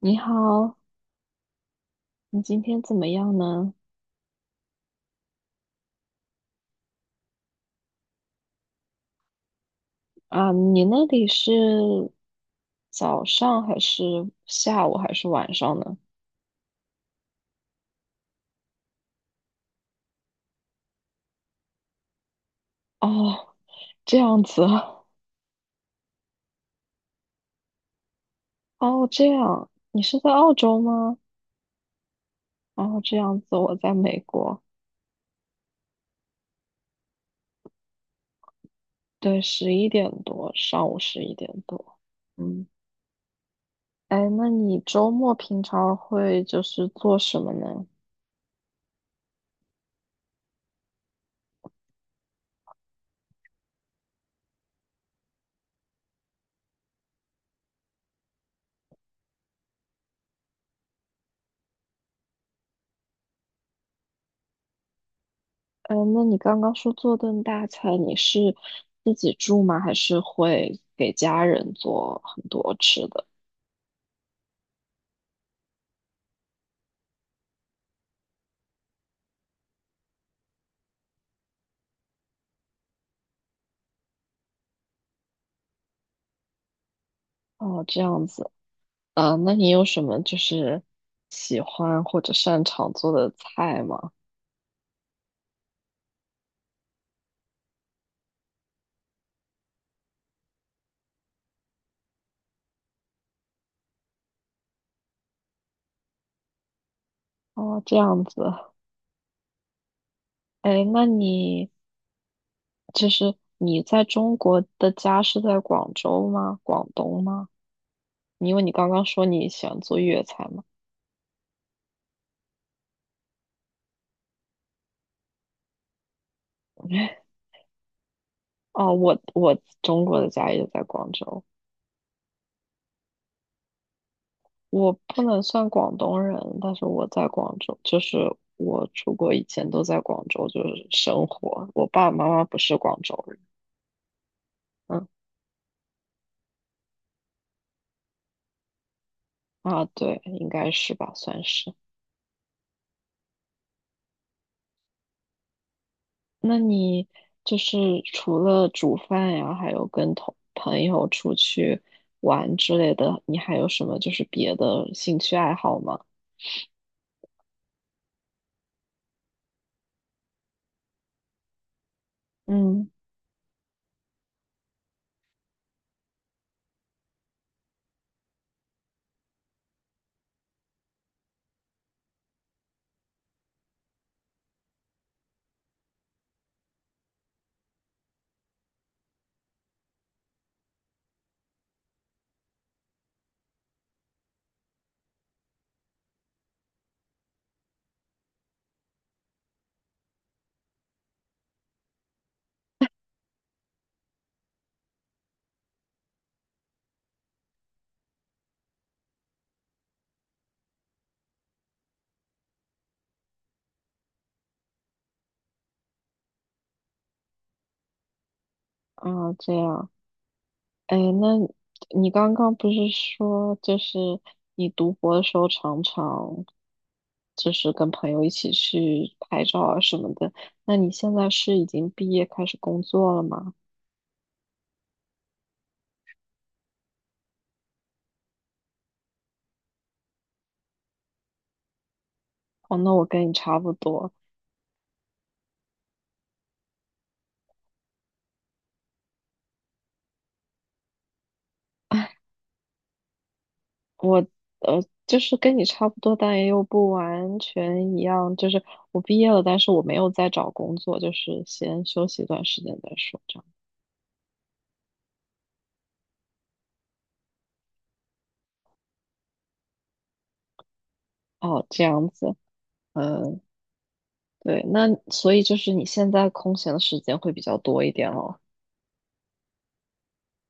你好，你今天怎么样呢？啊，你那里是早上还是下午还是晚上呢？哦，这样子啊。哦，这样，你是在澳洲吗？哦，这样子，我在美国。对，十一点多，上午十一点多。嗯，哎，那你周末平常会就是做什么呢？嗯，那你刚刚说做顿大餐，你是自己住吗？还是会给家人做很多吃的？哦，这样子。呃，那你有什么就是喜欢或者擅长做的菜吗？哦，这样子。哎，那你就是你在中国的家是在广州吗？广东吗？因为你刚刚说你喜欢做粤菜嘛。哦，我中国的家也在广州。我不能算广东人，但是我在广州，就是我出国以前都在广州，就是生活。我爸爸妈妈不是广州人。嗯。啊，对，应该是吧，算是。那你就是除了煮饭呀，还有跟同朋友出去玩之类的，你还有什么就是别的兴趣爱好吗？嗯。啊，这样。哎，那你刚刚不是说，就是你读博的时候常常就是跟朋友一起去拍照啊什么的。那你现在是已经毕业开始工作了吗？哦，那我跟你差不多。我呃就是跟你差不多，但也又不完全一样。就是我毕业了，但是我没有再找工作，就是先休息一段时间再说这样。哦，这样子。嗯。对，那所以就是你现在空闲的时间会比较多一点了。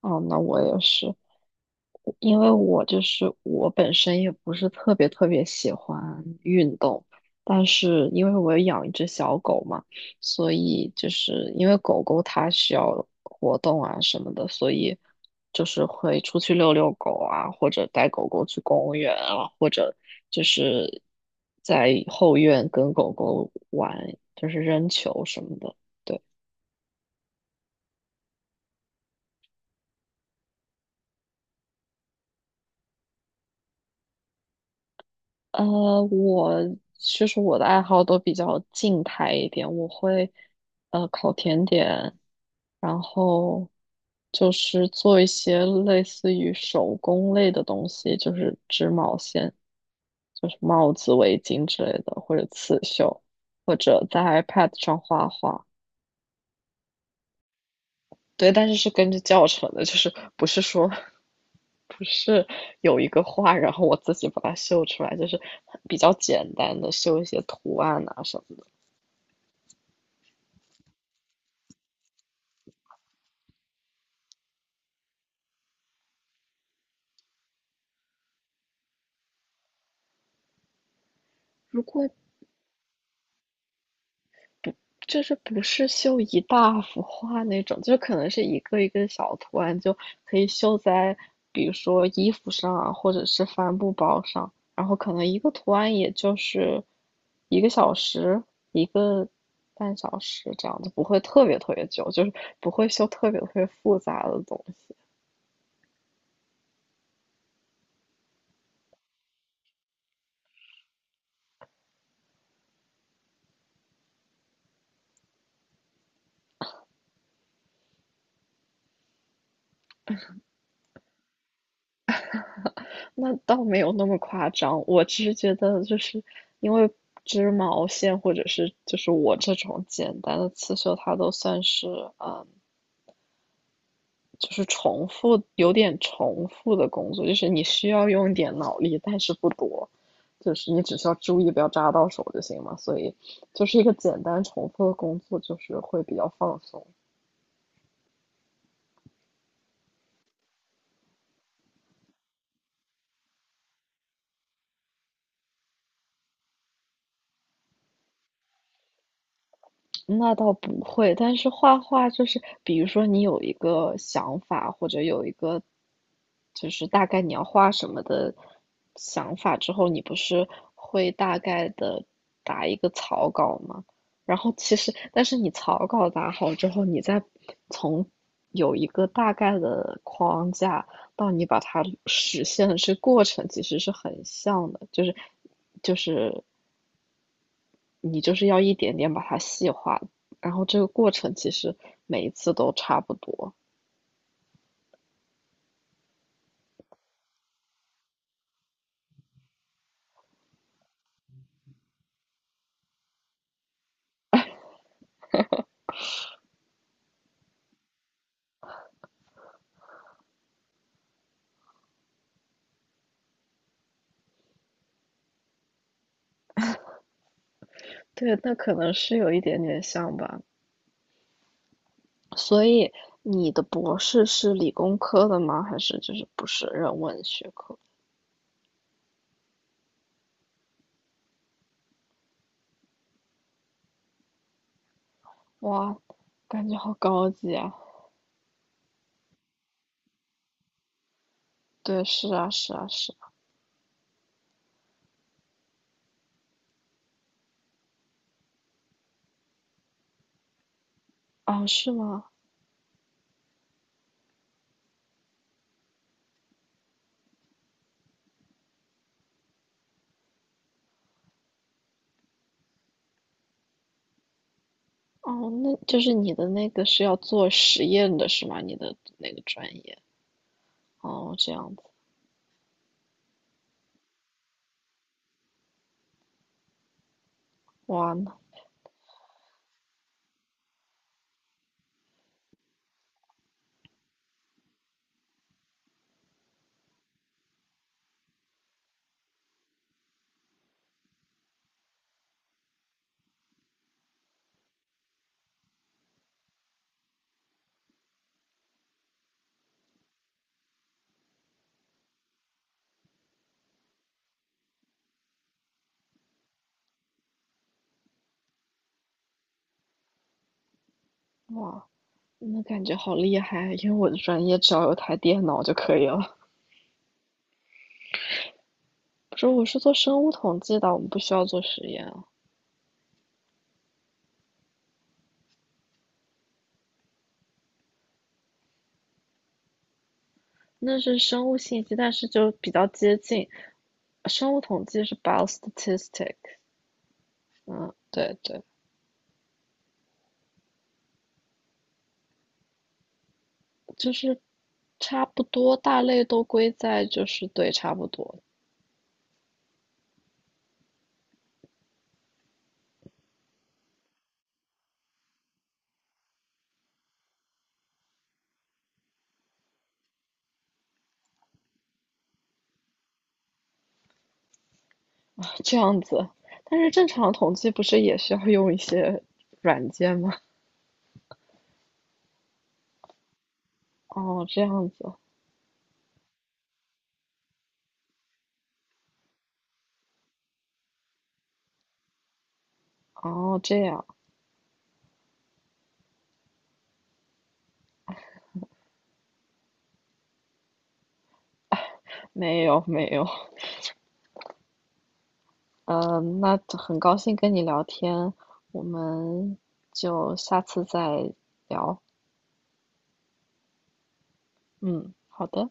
哦，那我也是，因为我就是我本身也不是特别特别喜欢运动，但是因为我有养一只小狗嘛，所以就是因为狗狗它需要活动啊什么的，所以就是会出去遛遛狗啊，或者带狗狗去公园啊，或者就是在后院跟狗狗玩，就是扔球什么的。对。呃，我其实我的爱好都比较静态一点，我会烤甜点，然后就是做一些类似于手工类的东西，就是织毛线，就是帽子、围巾之类的，或者刺绣，或者在 iPad 上画画。对，但是是跟着教程的，就是不是说不是有一个画，然后我自己把它绣出来，就是比较简单的绣一些图案啊什么。如果就是不是绣一大幅画那种，就可能是一个一个小图案，就可以绣在比如说衣服上啊，或者是帆布包上，然后可能一个图案也就是一个小时，一个半小时这样子，不会特别特别久，就是不会绣特别特别复杂的东西。那倒没有那么夸张，我只是觉得就是因为织毛线或者是就是我这种简单的刺绣，它都算是呃。就是重复，有点重复的工作，就是你需要用一点脑力，但是不多，就是你只需要注意不要扎到手就行嘛。所以就是一个简单重复的工作，就是会比较放松。那倒不会，但是画画就是，比如说你有一个想法，或者有一个就是大概你要画什么的想法之后，你不是会大概的打一个草稿吗？然后其实，但是你草稿打好之后，你再从有一个大概的框架到你把它实现的这个过程，其实是很像的，就是就是你就是要一点点把它细化，然后这个过程其实每一次都差不多。对，那可能是有一点点像吧。所以你的博士是理工科的吗？还是就是不是人文学科？哇，感觉好高级啊！对，是啊，是啊，是啊。啊，是吗？哦，那就是你的那个是要做实验的是吗？你的那个专业？哦，这样子。哇，那哇，那感觉好厉害，因为我的专业只要有台电脑就可以了。不是，我是做生物统计的，我们不需要做实验啊。那是生物信息，但是就比较接近。生物统计是 biostatistics。嗯，对对，就是差不多，大类都归在就是对，差不多这样子。但是正常统计不是也需要用一些软件吗？哦，这样子。哦，这样，没有没有。呃，那很高兴跟你聊天，我们就下次再聊。嗯，好的。